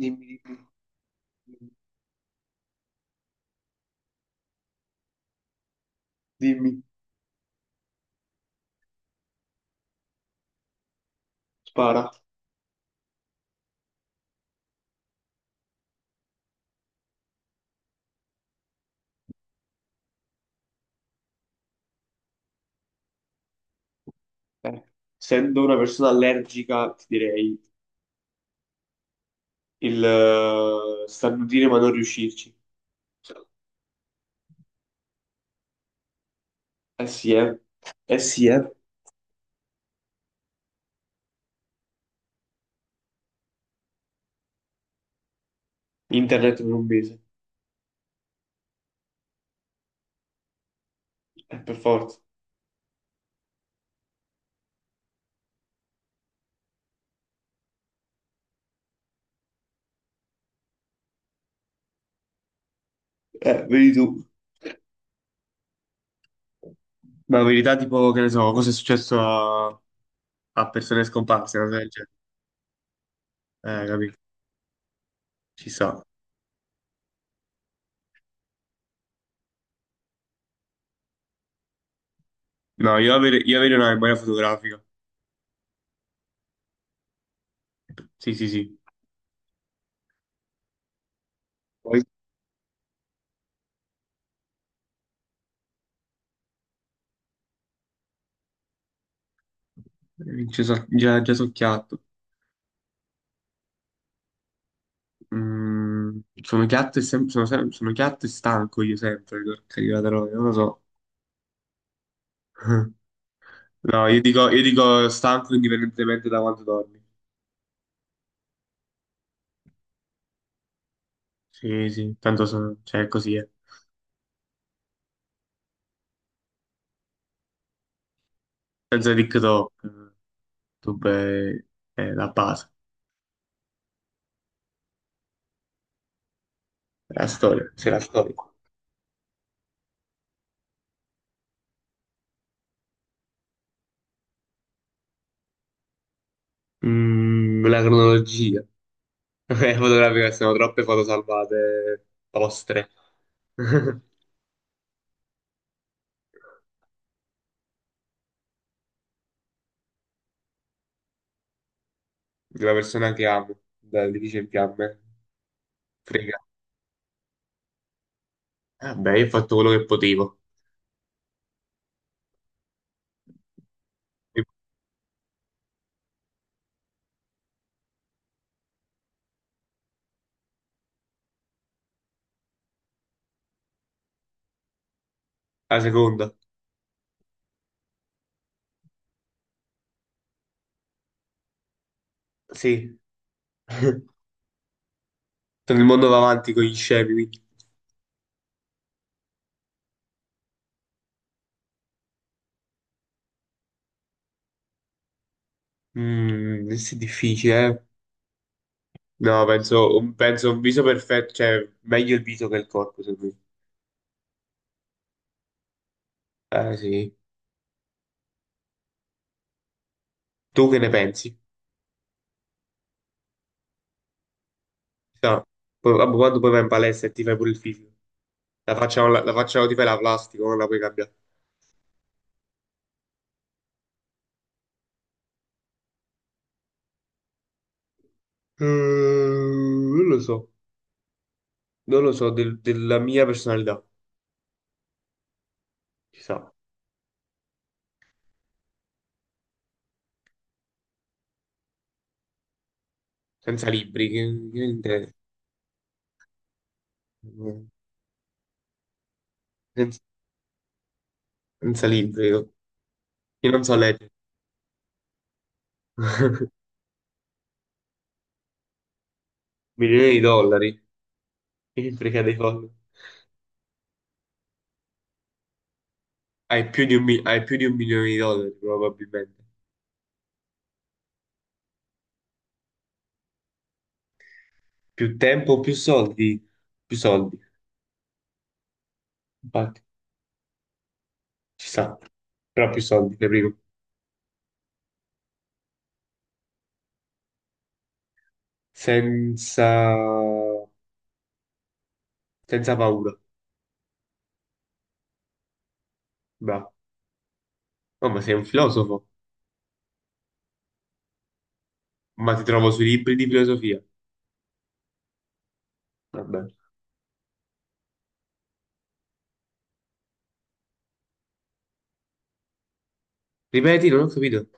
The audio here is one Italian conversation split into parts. Dimmi, dimmi, dimmi, dimmi, spara. Eh, essendo una persona allergica, ti direi il starnutire ma non riuscirci. Eh sì, eh. Eh sì, eh. Internet per un mese. Per forza. Vedi tu. Ma in verità, tipo, che ne so, cosa è successo a persone scomparse, una cosa del genere. Capito? Ci sta. No, io avere una memoria fotografica. Sì, sì, sì. Poi- Già, già, già so chiatto. Sono piatto e sono piatto e stanco io sempre, porca di la troia, non lo so. No, io dico stanco indipendentemente da quanto dormi. Sì, sì, tanto sono, cioè così è. Senza TikTok, YouTube è la base, è la storia, c'è la storia. La cronologia. Fotografica, sono troppe foto salvate ostre. Di una persona che amo, di dice in fiamme. Frega. Vabbè, io ho fatto quello che potevo. La seconda, sì. Sono il mondo va avanti con gli scemi, quindi. Questo è difficile, eh. No, penso un viso perfetto, cioè meglio il viso che il corpo, secondo me. Eh sì. Tu che ne pensi? No. Poi, vabbè, quando poi vai in palestra e ti fai pure il fisico. La faccia ti fai la plastica, non la puoi cambiare. Non lo so, non lo so, della mia personalità, ci sa. Senza libri, che ne intendo? Senza, senza libri, io non so leggere. Milioni di dollari. Che frega dei soldi. Hai più di un milione di dollari, probabilmente. Più tempo, più soldi. Più soldi. Infatti, ci sta. Però più soldi, primo. Senza... Senza paura. Bravo. Oh, ma sei un filosofo. Ma ti trovo sui libri di filosofia. Vabbè. Ripeti, non ho capito.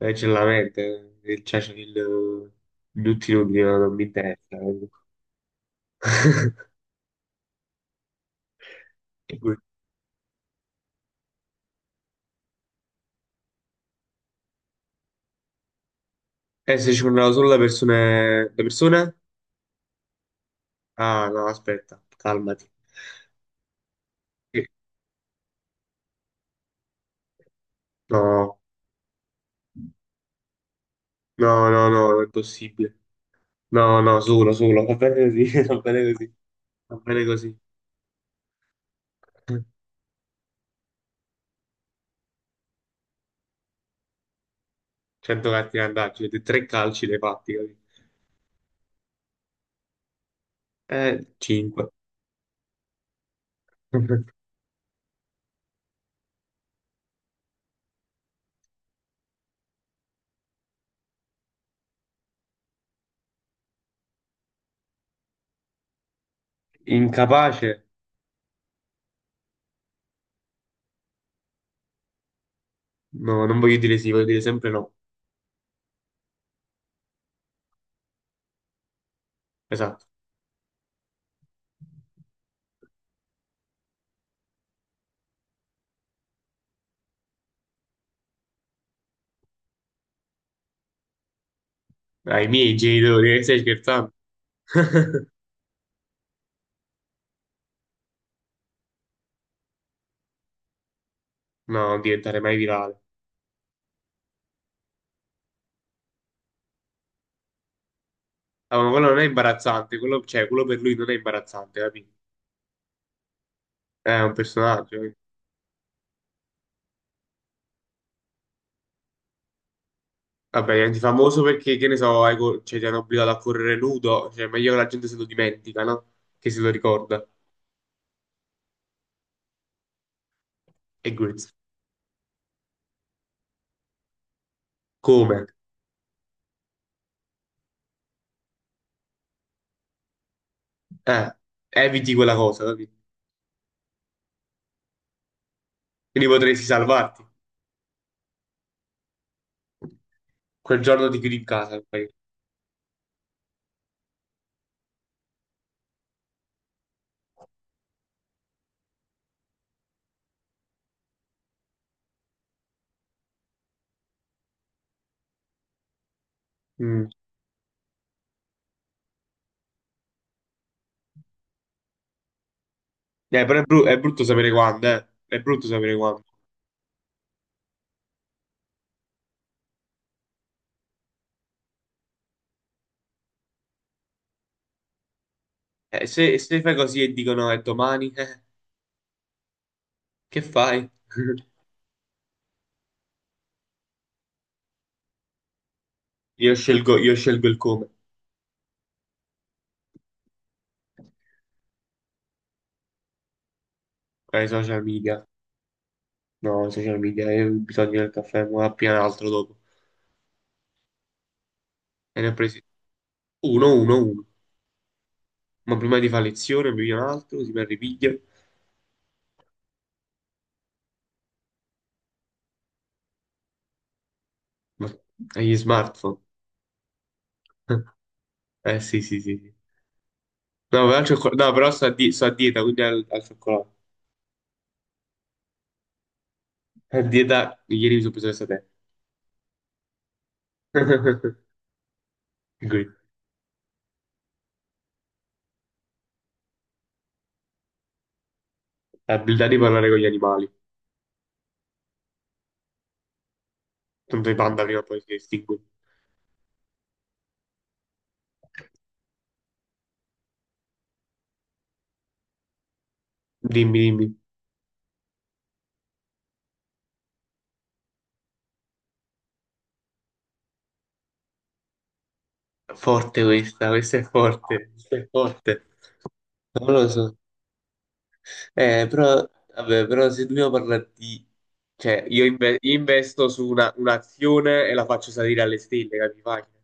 C'è la mente. C'è il... Tutti inutili, ma non mi interessa. Comunque. E qui- se ci sono solo le persone... Le persone? Ah, no, aspetta, calmati. Eh, No, no, no, no, non è possibile. No, no, solo, solo, va bene così, va bene così, va bene così. 100 gatti andati, avete tre calci dei fatti, capito? 5. Incapace? No, non voglio dire sì, voglio dire sempre no. Esatto. Ai miei genitori, stai scherzando? No, non diventare mai virale. Ah, ma quello non è imbarazzante, quello, cioè, quello per lui non è imbarazzante, capito? È un personaggio. Vabbè, diventi famoso perché, che ne so, cioè, ti hanno obbligato a correre nudo, cioè è meglio che la gente se lo dimentica, no? Che se lo ricorda. E guizzo. Come? Eh, eviti quella cosa, capito? Quindi potresti salvarti. Quel giorno ti chiudi in casa, poi. Mm. Però è brutto sapere quando, eh. È brutto sapere quando. Se fai così e dicono è domani, che fai? Io scelgo il come. Social media. No, social media, io ho bisogno del caffè, ma appena l'altro dopo. E ne ho presi uno, uno, uno. Ma prima di fare lezione bevi un altro, si perde piglia, ma agli smartphone. Eh sì, sì, sì, sì. No, però, no, però sto a dieta, quindi al cioccolato. A dieta, ieri mi sono preso questa te. Quindi, l'abilità di parlare con gli animali. Tanto i panda prima o poi si estingue. Dimmi, dimmi. Forte questa, questa è forte, questa è forte. Non lo so. Però, vabbè, però se dobbiamo parlare di... Cioè, io, io investo su un'azione e la faccio salire alle stelle, capi? Facile.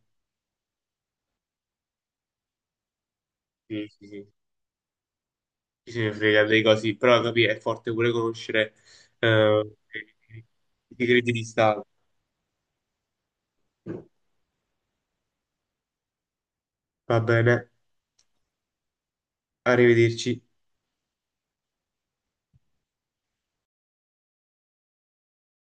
Sì, sì, sì. Chi se ne frega dei così, però capì, è forte pure conoscere eh, i i segreti di Stato. Va bene, arrivederci.